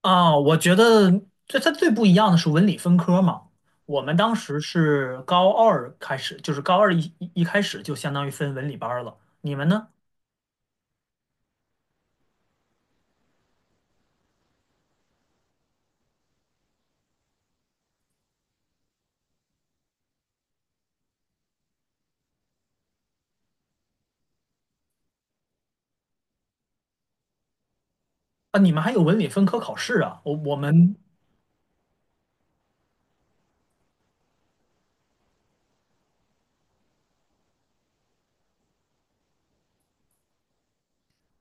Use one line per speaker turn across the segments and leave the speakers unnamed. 啊，我觉得它最不一样的是文理分科嘛。我们当时是高二开始，就是高二一开始就相当于分文理班儿了。你们呢？啊，你们还有文理分科考试啊？我我们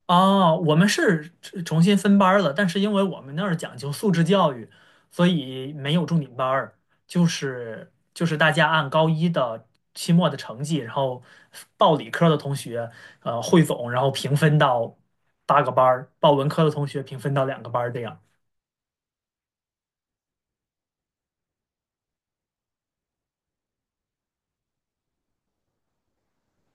哦，我们是重新分班儿了，但是因为我们那儿讲究素质教育，所以没有重点班儿，就是大家按高一的期末的成绩，然后报理科的同学汇总，然后平分到8个班儿，报文科的同学平分到2个班儿这样。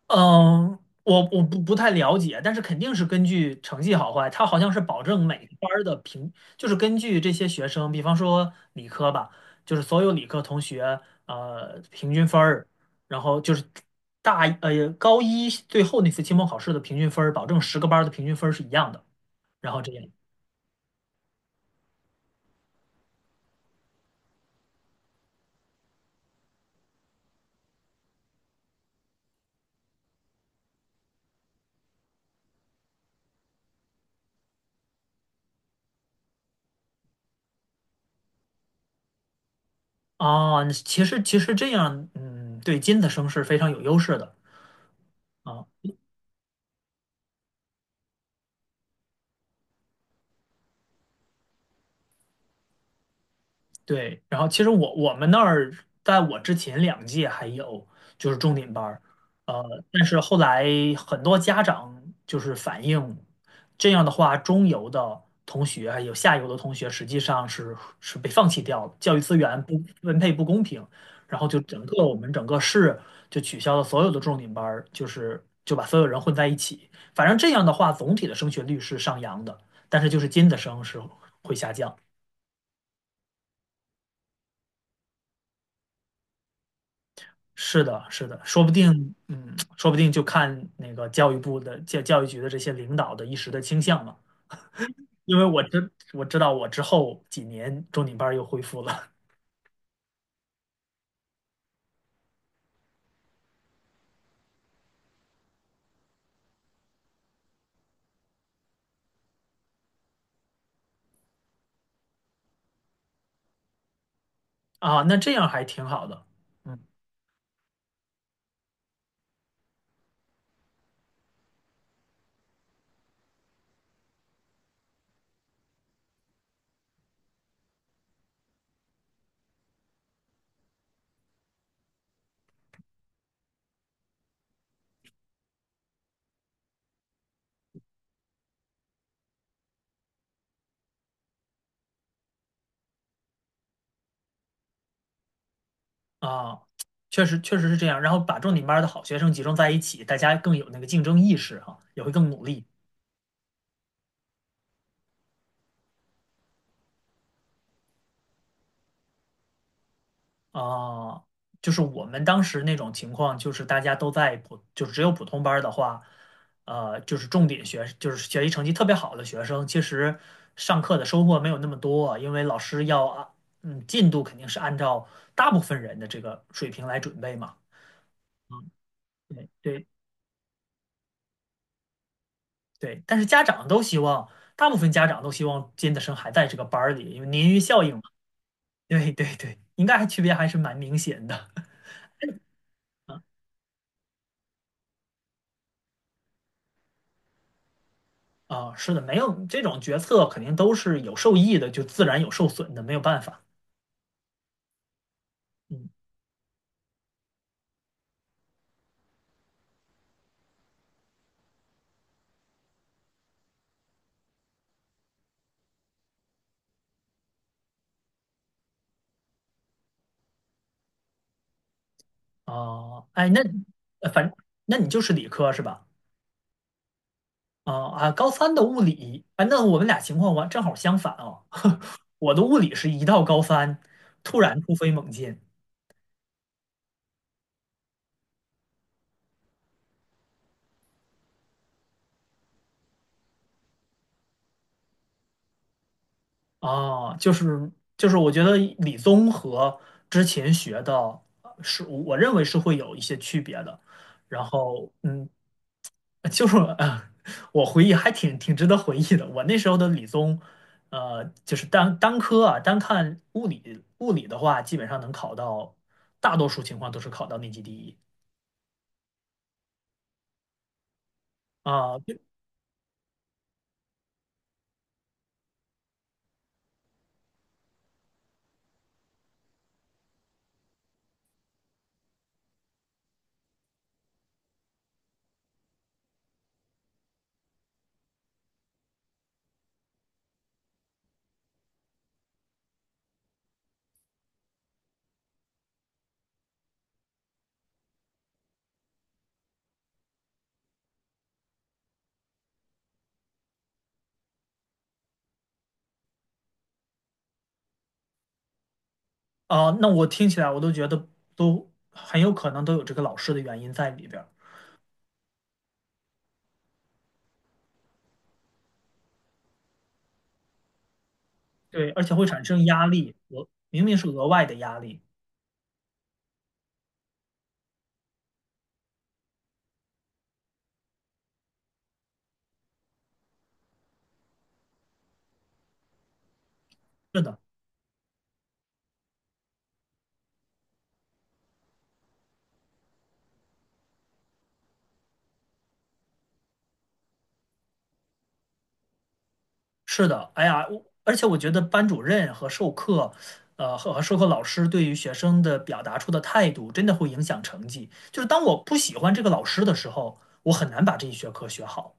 嗯，我不太了解，但是肯定是根据成绩好坏，它好像是保证每个班儿的就是根据这些学生，比方说理科吧，就是所有理科同学平均分儿，然后就是高一最后那次期末考试的平均分儿，保证10个班儿的平均分儿是一样的，然后这样。啊，其实这样，嗯，对尖子生是非常有优势的啊。对，然后其实我们那儿在我之前2届还有就是重点班儿。但是后来很多家长就是反映，这样的话，中游的同学还有下游的同学实际上是被放弃掉了，教育资源不分配不公平，然后就我们整个市就取消了所有的重点班儿，就是就把所有人混在一起，反正这样的话，总体的升学率是上扬的，但是就是尖子生是会下降。是的，是的，说不定，说不定就看那个教育部的教育局的这些领导的一时的倾向嘛。因为我知道我之后几年重点班儿又恢复了。 啊，那这样还挺好的。嗯，啊，确实是这样。然后把重点班儿的好学生集中在一起，大家更有那个竞争意识哈、也会更努力。啊，就是我们当时那种情况，就是大家都在普，就只有普通班儿的话，就是重点学，就是学习成绩特别好的学生，其实上课的收获没有那么多，因为老师要啊，进度肯定是按照大部分人的这个水平来准备嘛。嗯，对，对，对，但是家长都希望，大部分家长都希望尖子生还在这个班儿里，因为鲶鱼效应嘛。对，对，对，应该还区别还是蛮明显的。啊，是的，没有这种决策肯定都是有受益的，就自然有受损的，没有办法。嗯，哦，哎，呃反那你就是理科是吧？啊，啊，高三的物理，哎，那我们俩情况正好相反啊。我的物理是一到高三突然突飞猛进。啊，就是，我觉得理综和之前学的是我认为是会有一些区别的。然后，就是啊，我回忆还挺值得回忆的。我那时候的理综，就是单科啊，单看物理的话，基本上能考到，大多数情况都是考到年级第一。啊，对啊。那我听起来我都觉得都很有可能都有这个老师的原因在里边儿。对，而且会产生压力，我明明是额外的压力。是的，是的，哎呀，而且我觉得班主任和授课，和授课老师对于学生的表达出的态度，真的会影响成绩。就是当我不喜欢这个老师的时候，我很难把这一学科学好。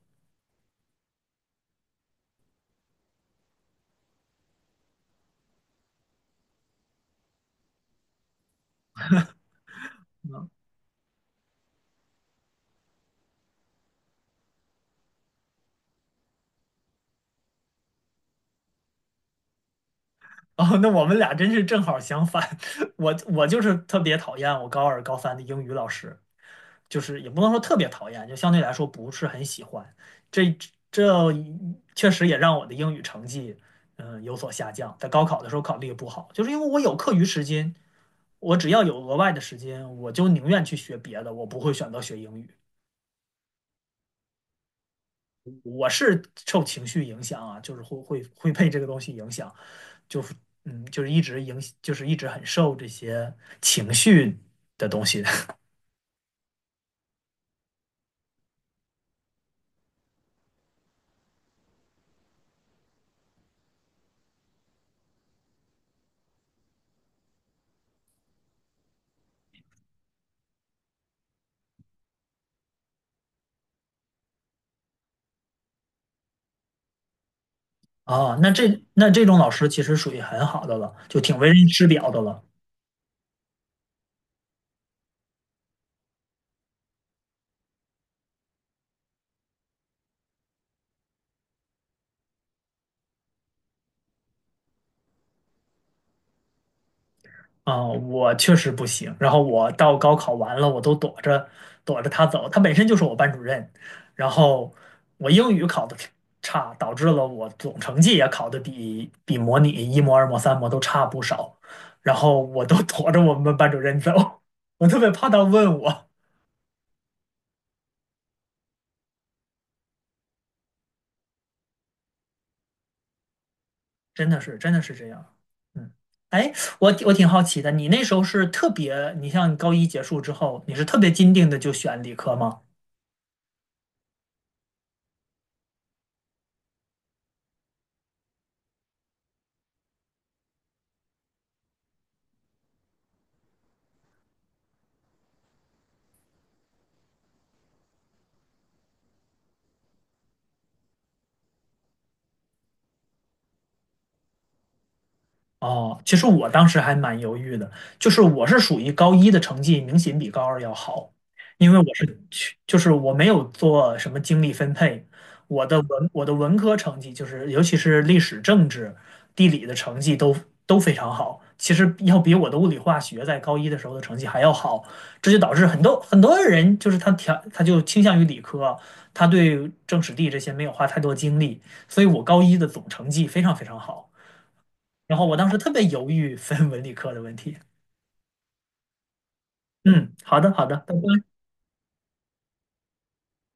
哦，那我们俩真是正好相反。我就是特别讨厌我高二高三的英语老师，就是也不能说特别讨厌，就相对来说不是很喜欢。这这确实也让我的英语成绩，嗯，有所下降。在高考的时候考得也不好，就是因为我有课余时间，我只要有额外的时间，我就宁愿去学别的，我不会选择学英语。我是受情绪影响啊，就是会被这个东西影响，就是就是一直影，就是一直很受这些情绪的东西。啊，那这种老师其实属于很好的了，就挺为人师表的了。啊，我确实不行。然后我到高考完了，我都躲着躲着他走。他本身就是我班主任，然后我英语考的差，导致了我总成绩也考的比模拟一模、二模、三模都差不少。然后我都 躲着我们班主任走。我特别怕他问我。真的是，真的是这样。嗯，哎，我挺好奇的，你那时候是特别，你像高一结束之后，你是特别坚定的就选理科吗？哦，其实我当时还蛮犹豫的，就是我是属于高一的成绩明显比高二要好，因为我是去，就是我没有做什么精力分配，我的文科成绩就是尤其是历史、政治、地理的成绩都非常好，其实要比我的物理化学在高一的时候的成绩还要好，这就导致很多很多人就是他就倾向于理科，他对政史地这些没有花太多精力，所以我高一的总成绩非常非常好。然后我当时特别犹豫分文理科的问题。嗯，好的，好的，拜拜。